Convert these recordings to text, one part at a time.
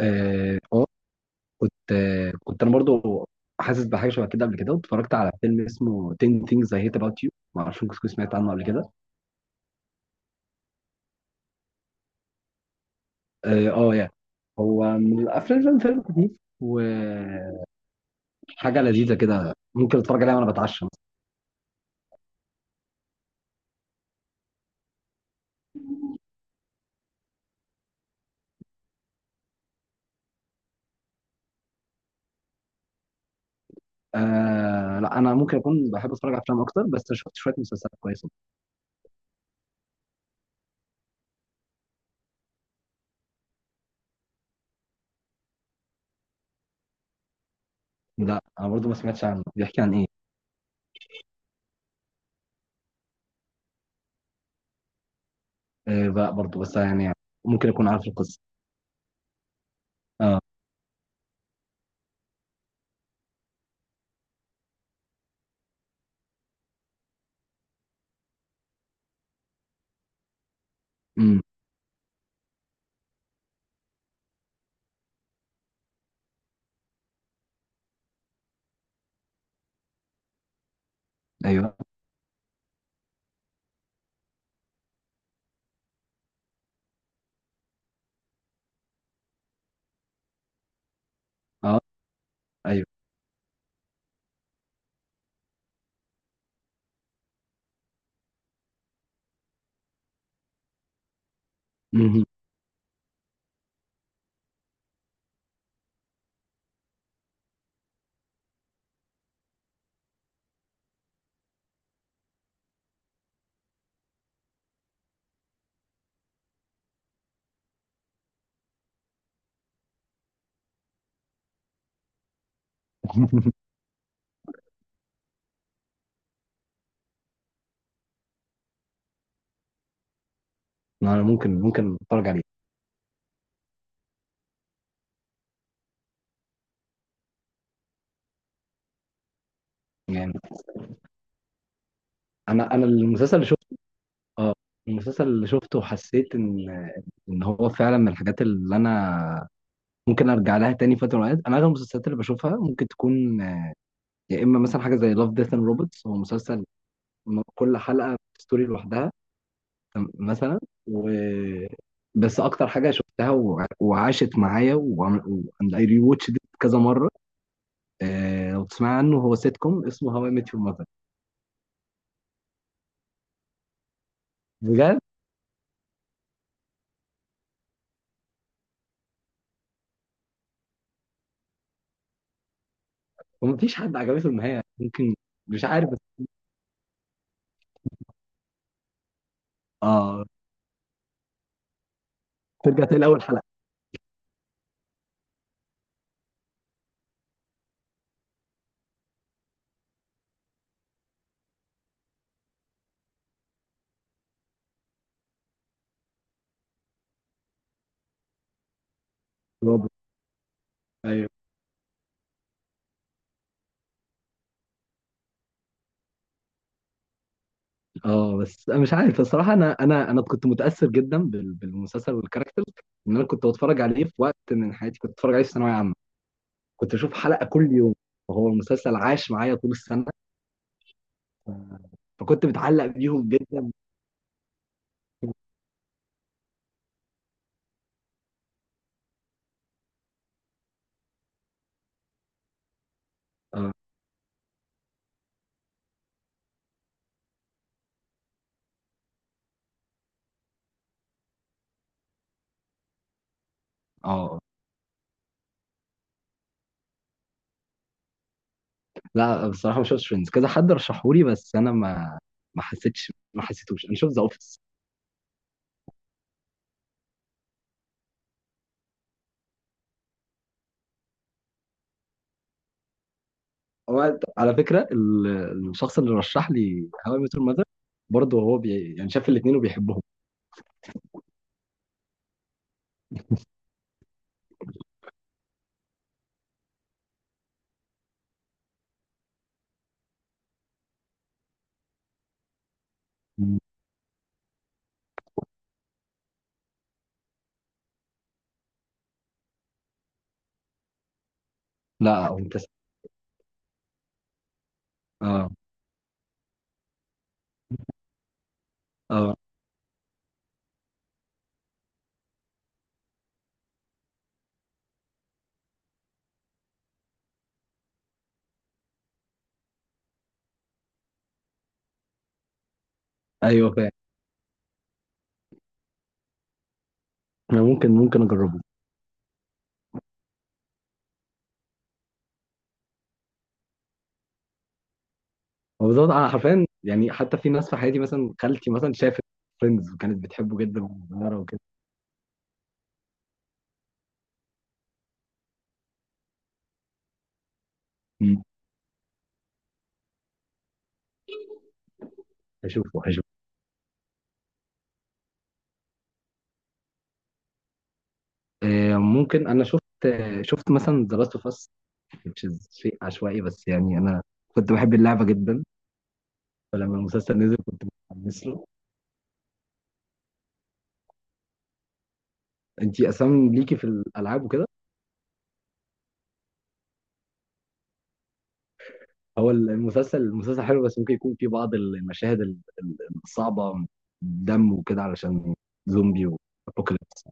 اه آه، كنت كنت انا برضو حاسس بحاجه شبه كده قبل كده. واتفرجت على فيلم اسمه 10 Things I Hate About You. ما اعرفش ممكن تكون سمعت عنه قبل كده. اه آه، يعني هو من الافلام، فيلم خفيف وحاجه لذيذه كده، ممكن اتفرج عليها وانا بتعشى مثلا. آه لا، انا ممكن اكون بحب اتفرج على افلام اكتر، بس شفت شويه مسلسلات كويسه. لا انا برضو ما سمعتش عنه، بيحكي عن ايه؟ آه بقى برضو، بس يعني ممكن اكون عارف القصه. اه. امم. ايوه. اه. ايوه. مهم. انا ممكن اتفرج عليه. يعني انا المسلسل اللي شفته، اه، المسلسل اللي شفته وحسيت ان هو فعلا من الحاجات اللي انا ممكن ارجع لها تاني فتره من الأوقات. انا اغلب المسلسلات اللي بشوفها ممكن تكون يا اما مثلا حاجه زي لاف ديث اند روبوتس، هو مسلسل كل حلقه ستوري لوحدها. مثلا و بس اكتر حاجه شفتها وعاشت معايا واند اي ري واتش كذا مره. آه، لو تسمع عنه هو سيت كوم اسمه هواي ميت يور ماذر. بجد. ومفيش حد عجبته النهايه ممكن. مش عارف. اه، ترجع تلاقي اول حلقه. برافو. ايوه. اه بس أنا مش عارف الصراحه، انا كنت متاثر جدا بالمسلسل والكاركترز. ان انا كنت بتفرج عليه في وقت من حياتي، كنت بتفرج عليه في ثانويه عامه، كنت اشوف حلقه كل يوم وهو المسلسل عاش معايا طول السنه، فكنت متعلق بيهم جدا. اه. لا بصراحه ما شفتش فريندز، كذا حد رشحهولي بس انا ما حسيتوش. انا شفت ذا اوفيس. هو على فكره الشخص اللي رشح لي هاو اي ميت يور ماذر برضه هو يعني شاف الاثنين وبيحبهم. لا هو ممتاز. اه. اه. ايوه فاهم. انا ممكن اجربه. هو بالظبط، انا حرفيا يعني حتى في ناس في حياتي مثلا، خالتي مثلا شافت فريندز وكانت بتحبه جدا وهي صغيره وكده. مم. هشوفه هشوفه. آه ممكن، انا شفت، شفت مثلا ذا لاست اوف اس، شيء عشوائي بس يعني انا كنت بحب اللعبه جدا، فلما المسلسل نزل كنت متحمس له. انت اصلا ليكي في الالعاب وكده. هو المسلسل، المسلسل حلو بس ممكن يكون فيه بعض المشاهد الصعبه، دم وكده، علشان زومبي وابوكاليبس.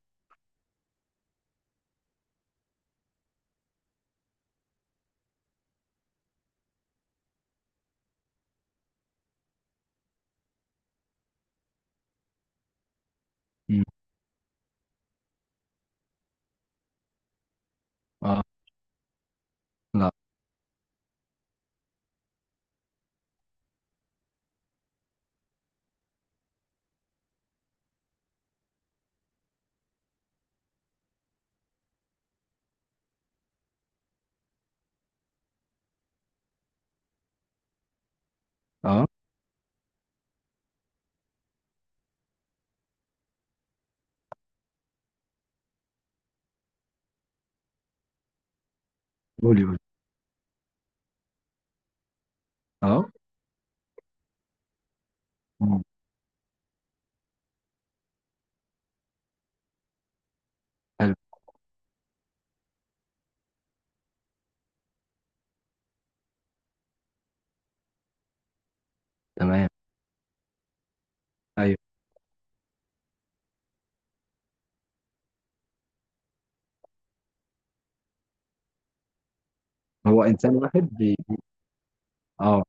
لأ. آه، قولي، قولي. آه، إمم، حلو، تمام، أيوه، هو إنسان واحد آه،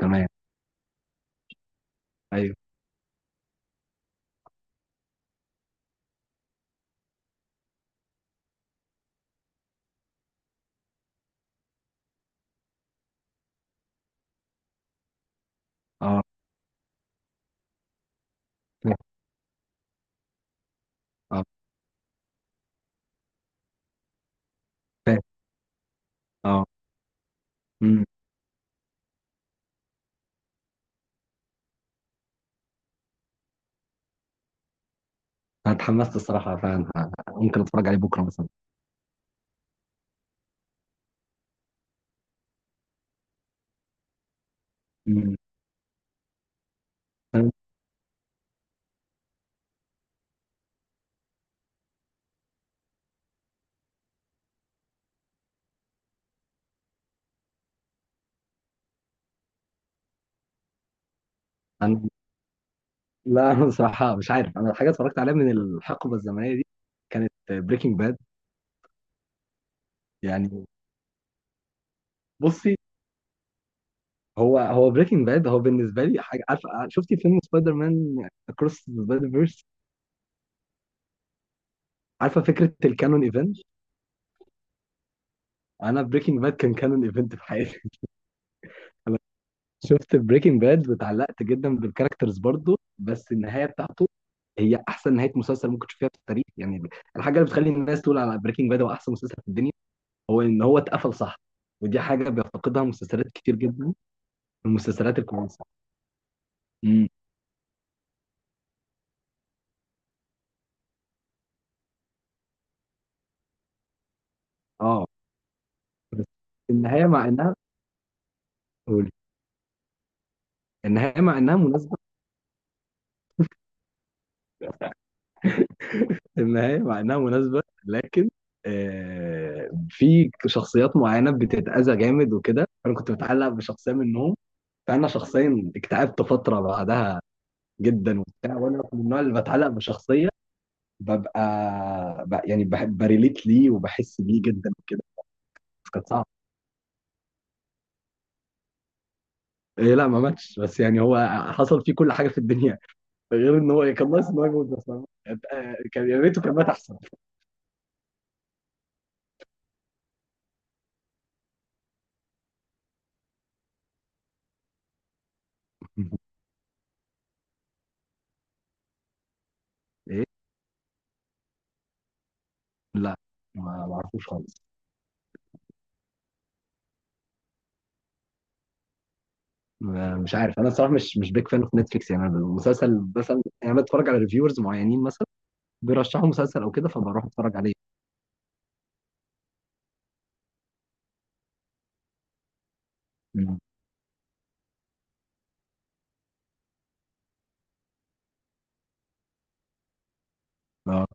تمام، أيوه، آه، فاهم، آه، فاهم، آه، إمم، أنا اتحمست الصراحة فعلًا، ممكن أتفرج عليه بكرة مثلًا. إمم، فاهم. أنا لأ، أنا بصراحة مش عارف. أنا الحاجة اتفرجت عليها من الحقبة الزمنية دي كانت Breaking Bad. يعني بُصّي، هو Breaking Bad هو بالنسبة لي حاجة. عارفة شُفتِ فيلم Spider-Man Across the Spider-Verse؟ عارفة فكرة الcanon event؟ أنا Breaking Bad كان canon event في حياتي. انا شفت بريكنج باد واتعلقت جدا بالكاركترز برضه، بس النهايه بتاعته هي احسن نهايه مسلسل ممكن تشوفها في التاريخ يعني. الحاجه اللي بتخلي الناس تقول على بريكنج باد هو احسن مسلسل في الدنيا هو ان هو اتقفل صح. ودي حاجه بيفتقدها مسلسلات كتير جدا. المسلسلات الكويسه. امم. اه. بس النهايه مع انها، قولي. النهايه مع انها مناسبه. النهايه مع انها مناسبه، لكن آه، في شخصيات معينه بتتاذى جامد وكده، انا كنت متعلق بشخصيه منهم، فانا شخصيا اكتئبت فتره بعدها جدا وبتاع. وانا من النوع اللي بتعلق بشخصيه، ببقى يعني بحب بريليت ليه وبحس بيه جدا وكده. بس كانت صعبه. إيه لا ما ماتش، بس يعني هو حصل فيه كل حاجه في الدنيا، غير ان هو كان ناقص ان هو يموت بس. آه، كان يا ريته كان مات احسن. ايه لا ما اعرفوش خالص. مش عارف، انا الصراحه مش بيك فان اوف نتفليكس يعني. أنا المسلسل مثلا يعني، انا بتفرج على ريفيورز معينين مثلا بيرشحوا مسلسل او كده، فبروح اتفرج عليه. مم. اه.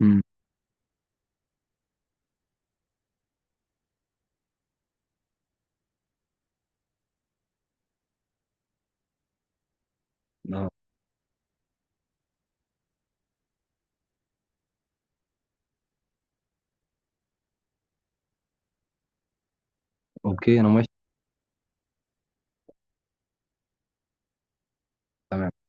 مم. آه. اوكي انا موافق. تمام.